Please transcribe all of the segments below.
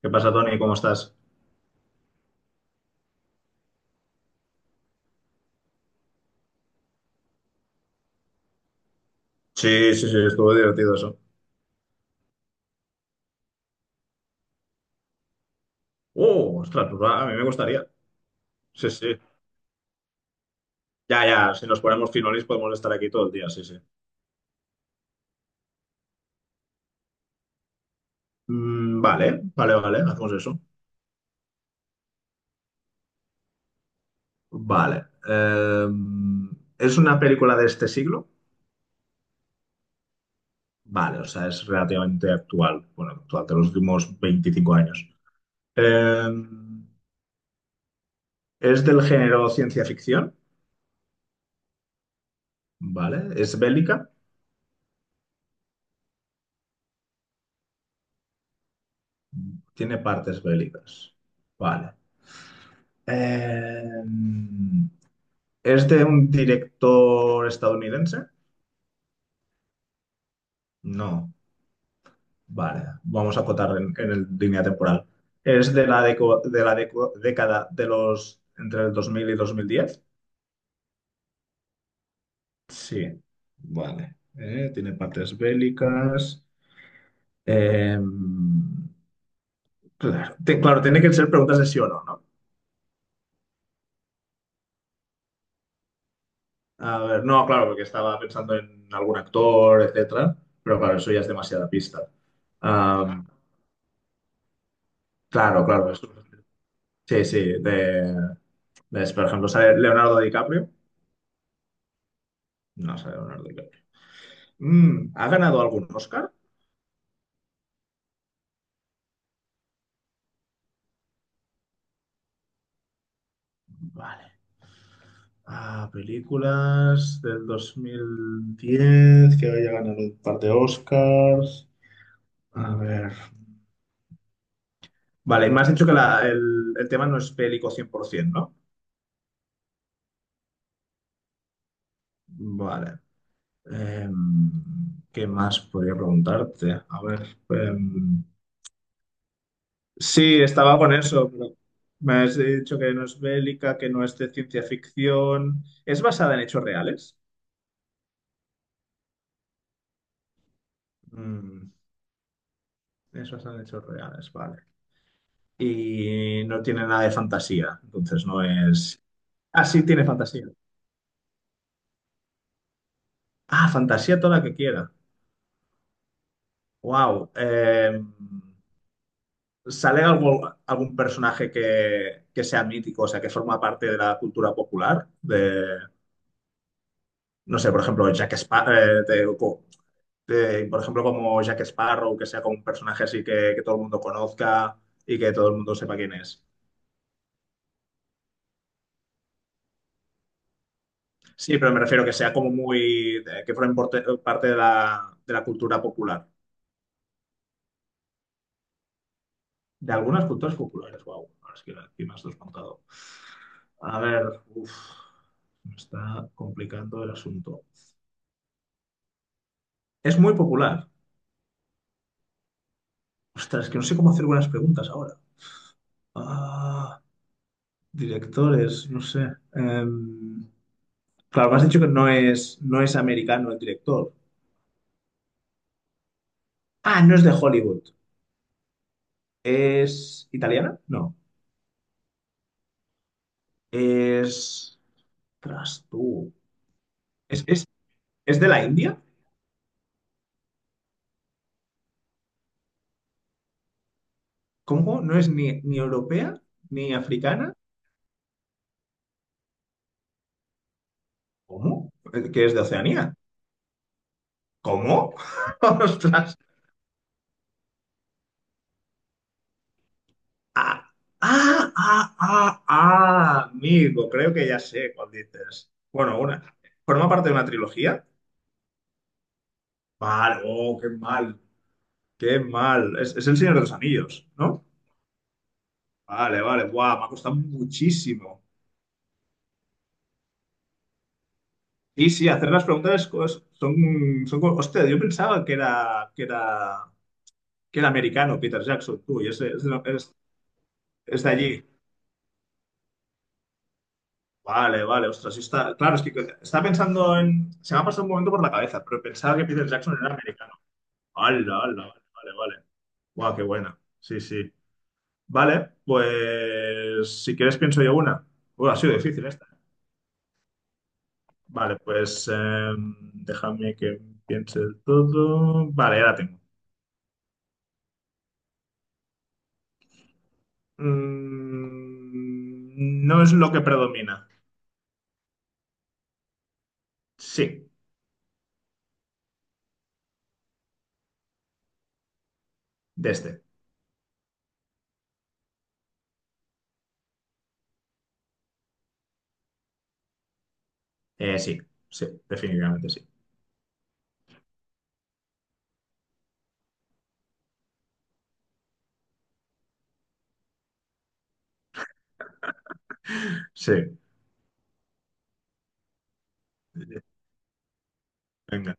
¿Qué pasa, Tony? ¿Cómo estás? Sí, sí, sí, estuvo divertido eso. ¡Oh, ostras! Pues va, a mí me gustaría. Sí, sí. Ya, ya, si nos ponemos finolis podemos estar aquí todo el día, sí, sí. Vale, vale, vale, hacemos eso. Vale. ¿Es una película de este siglo? Vale, o sea, es relativamente actual. Bueno, actual, de los últimos 25 años. Eh, ¿Es del género ciencia ficción? Vale. ¿Es bélica? Tiene partes bélicas. Vale. Eh, ¿Es de un director estadounidense? No. Vale, vamos a acotar en el línea temporal. ¿Es de década de los entre el 2000 y 2010? Sí. Vale. Tiene partes bélicas. Eh, claro, claro, tiene que ser preguntas de sí o no, ¿no? A ver, no, claro, porque estaba pensando en algún actor, etcétera, pero claro, eso ya es demasiada pista. Ah, claro, claro, sí, sí, por ejemplo, sale Leonardo DiCaprio. No sale Leonardo DiCaprio. ¿Ha ganado algún Oscar? Vale. Ah, películas del 2010 que haya ganado un par de Oscars. A ver. Vale, y me has dicho que el tema no es bélico 100%, ¿no? Vale. ¿Qué más podría preguntarte? A ver. em, Sí, estaba con eso, pero me has dicho que no es bélica, que no es de ciencia ficción. ¿Es basada en hechos reales? Mm, es basada en hechos reales, vale. Y no tiene nada de fantasía, entonces no es... Ah, sí, tiene fantasía. Ah, fantasía toda la que quiera. Wow. ¿Sale algo, algún personaje que sea mítico, o sea, que forma parte de la cultura popular? No sé, por ejemplo, Jack Sparrow, de, por ejemplo, como Jack Sparrow, que sea como un personaje así que todo el mundo conozca y que todo el mundo sepa quién es. Sí, pero me refiero que sea como muy, que formen parte de la cultura popular. De algunas culturas populares, wow. Ahora es que aquí me has desmontado. A ver, uff, me está complicando el asunto. Es muy popular. Ostras, es que no sé cómo hacer buenas preguntas ahora. Ah, directores, no sé. Em, claro, me has dicho que no es americano el director. Ah, no es de Hollywood. ¿Es italiana? No. Es. ¿Tras tú? ¿Es, es, es de la India? ¿Cómo? ¿No es ni europea ni africana? ¿Cómo? ¿Que es de Oceanía? ¿Cómo? ¡Ostras! Ah, Amigo, creo que ya sé cuál dices. Bueno, una. ¿Forma parte de una trilogía? Vale, oh, qué mal, qué mal. Es El Señor de los Anillos, ¿no? Vale, vale, guau, me ha costado muchísimo. Y sí, hacer las preguntas son, son... Hostia, yo pensaba que era, que era americano Peter Jackson, tú, y es de allí. Vale, vale, ostras, sí está... Claro, es que estaba pensando en... Se me ha pasado un momento por la cabeza, pero pensaba que Peter Jackson era americano. Hala, hala, vale, vale, vale. Guau, qué buena. Sí, sí. Vale, pues si quieres pienso yo una. Bueno, ha sido difícil esta. Vale, pues déjame que piense el todo. Vale, ya la tengo. No es lo que predomina. Sí, de este. Eh, sí, sí, definitivamente sí. Sí, venga.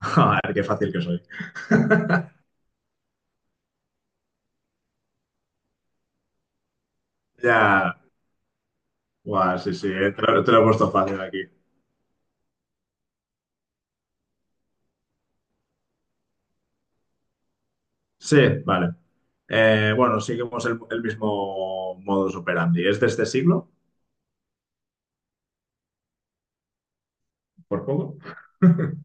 A ver qué fácil que soy. Ya. Guau, sí, sí, te lo he puesto fácil aquí. Sí, vale. Bueno, seguimos el mismo modus operandi. ¿Es de este siglo? Por poco.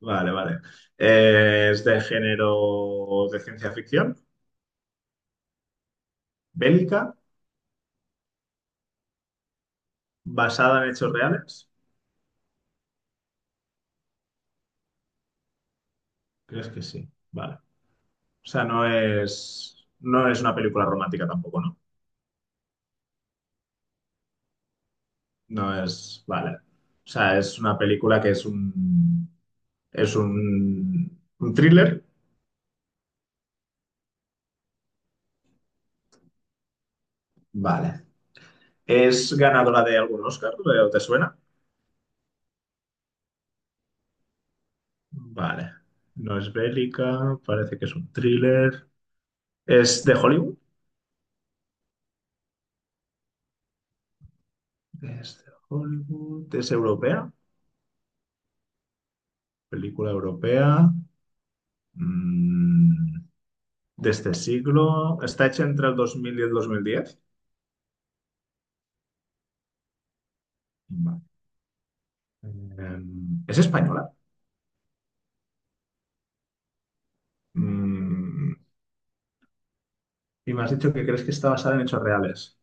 Vale, vale. ¿Es de género de ciencia ficción? ¿Bélica? ¿Basada en hechos reales? ¿Crees que sí? Vale. O sea, no es una película romántica tampoco, ¿no? Vale. O sea, es una película que es un thriller. Vale. ¿Es ganadora de algún Oscar? Te suena? Vale. No es bélica, parece que es un thriller. ¿Es de Hollywood? Es de Hollywood. ¿Es europea? Película europea. Mm, de este siglo. ¿Está hecha entre el 2000 y el 2010? Vale. Em, ¿Es española? Mm, y me has dicho que crees que está basada en hechos reales.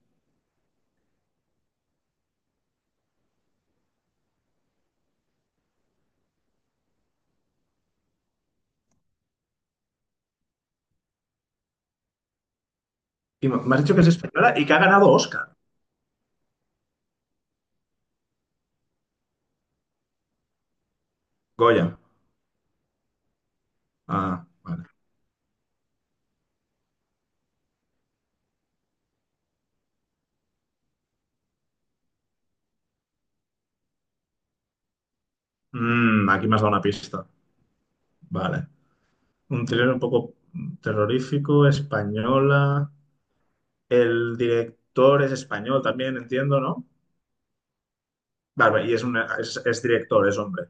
Y me has dicho que es española y que ha ganado Oscar. Goya. Ah, vale. Aquí me has dado una pista. Vale. Un thriller un poco terrorífico, española. El director es español también, entiendo, ¿no? Vale, vale, y es director, es hombre.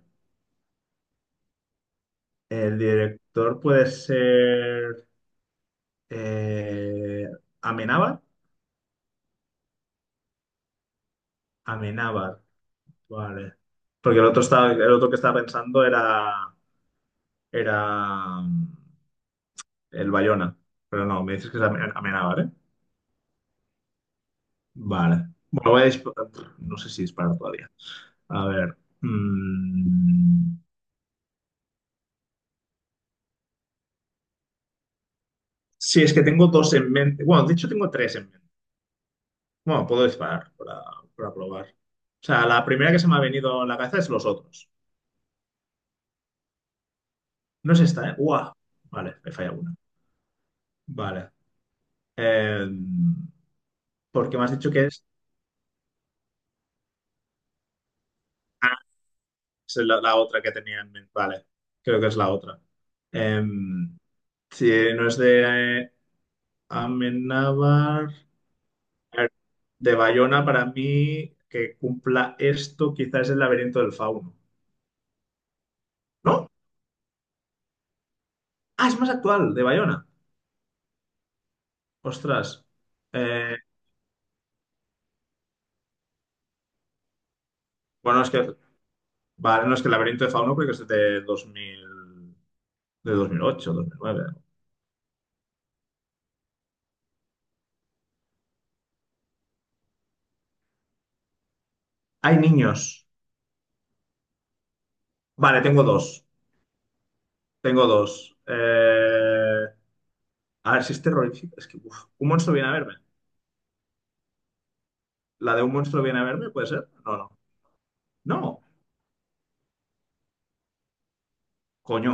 El director puede ser eh, Amenábar. Amenábar. Vale. Porque el otro estaba, el otro que estaba pensando era el Bayona. Pero no, me dices que es Amenábar, ¿eh? Vale. Bueno, voy a disparar. No sé si disparar todavía. A ver. Sí, es que tengo dos en mente. Bueno, de hecho tengo tres en mente. Bueno, puedo disparar para probar. O sea, la primera que se me ha venido en la cabeza es los otros. No es esta, ¿eh? ¡Guau! Vale, me falla una. Vale. Eh, Porque me has dicho que es. Esa es la otra que tenía en mente. Vale, creo que es la otra. Em, si no es de Amenábar, a ver, de Bayona, para mí, que cumpla esto, quizás es el laberinto del fauno. ¿No? Ah, es más actual, de Bayona. Ostras. Eh, bueno, es que, vale, no es que el laberinto del fauno creo que es de 2000 de 2008 2009. Hay niños. Vale, tengo dos. Tengo dos. A ver si es terrorífico. Es que, uf, un monstruo viene a verme. ¿La de un monstruo viene a verme? ¿Puede ser? No, no. No, coño.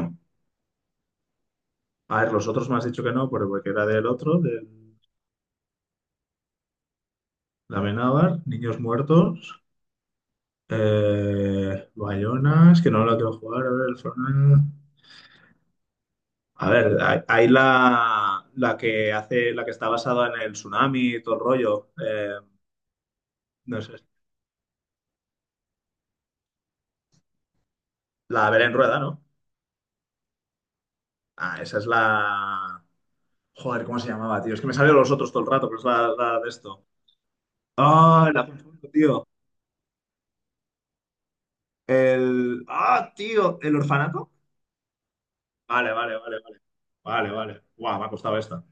A ver, los otros me has dicho que no, pero porque era del otro, del Amenábar, Niños Muertos, Bayona, es que no la quiero jugar, a ver, el Fortnite. A ver, hay la que hace, la que está basada en el tsunami y todo el rollo. No sé, la Belén Rueda, ¿no? Ah, esa es la... Joder, ¿cómo se llamaba, tío? Es que me salieron los otros todo el rato, pero es la de esto. Ah, la confundo, tío. El. ¡Ah, tío! ¿El orfanato? Vale, vale, vale, vale. Vale, vale. Guau, me ha costado esta.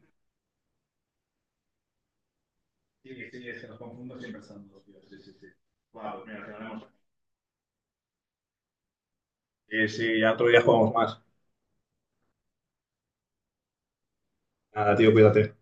Sí, sí, es que los confundo siempre son dos, tío. Sí, sí, sí. Guau, mira, al final sí, sí, ya otro día jugamos más. Nada, tío, cuídate.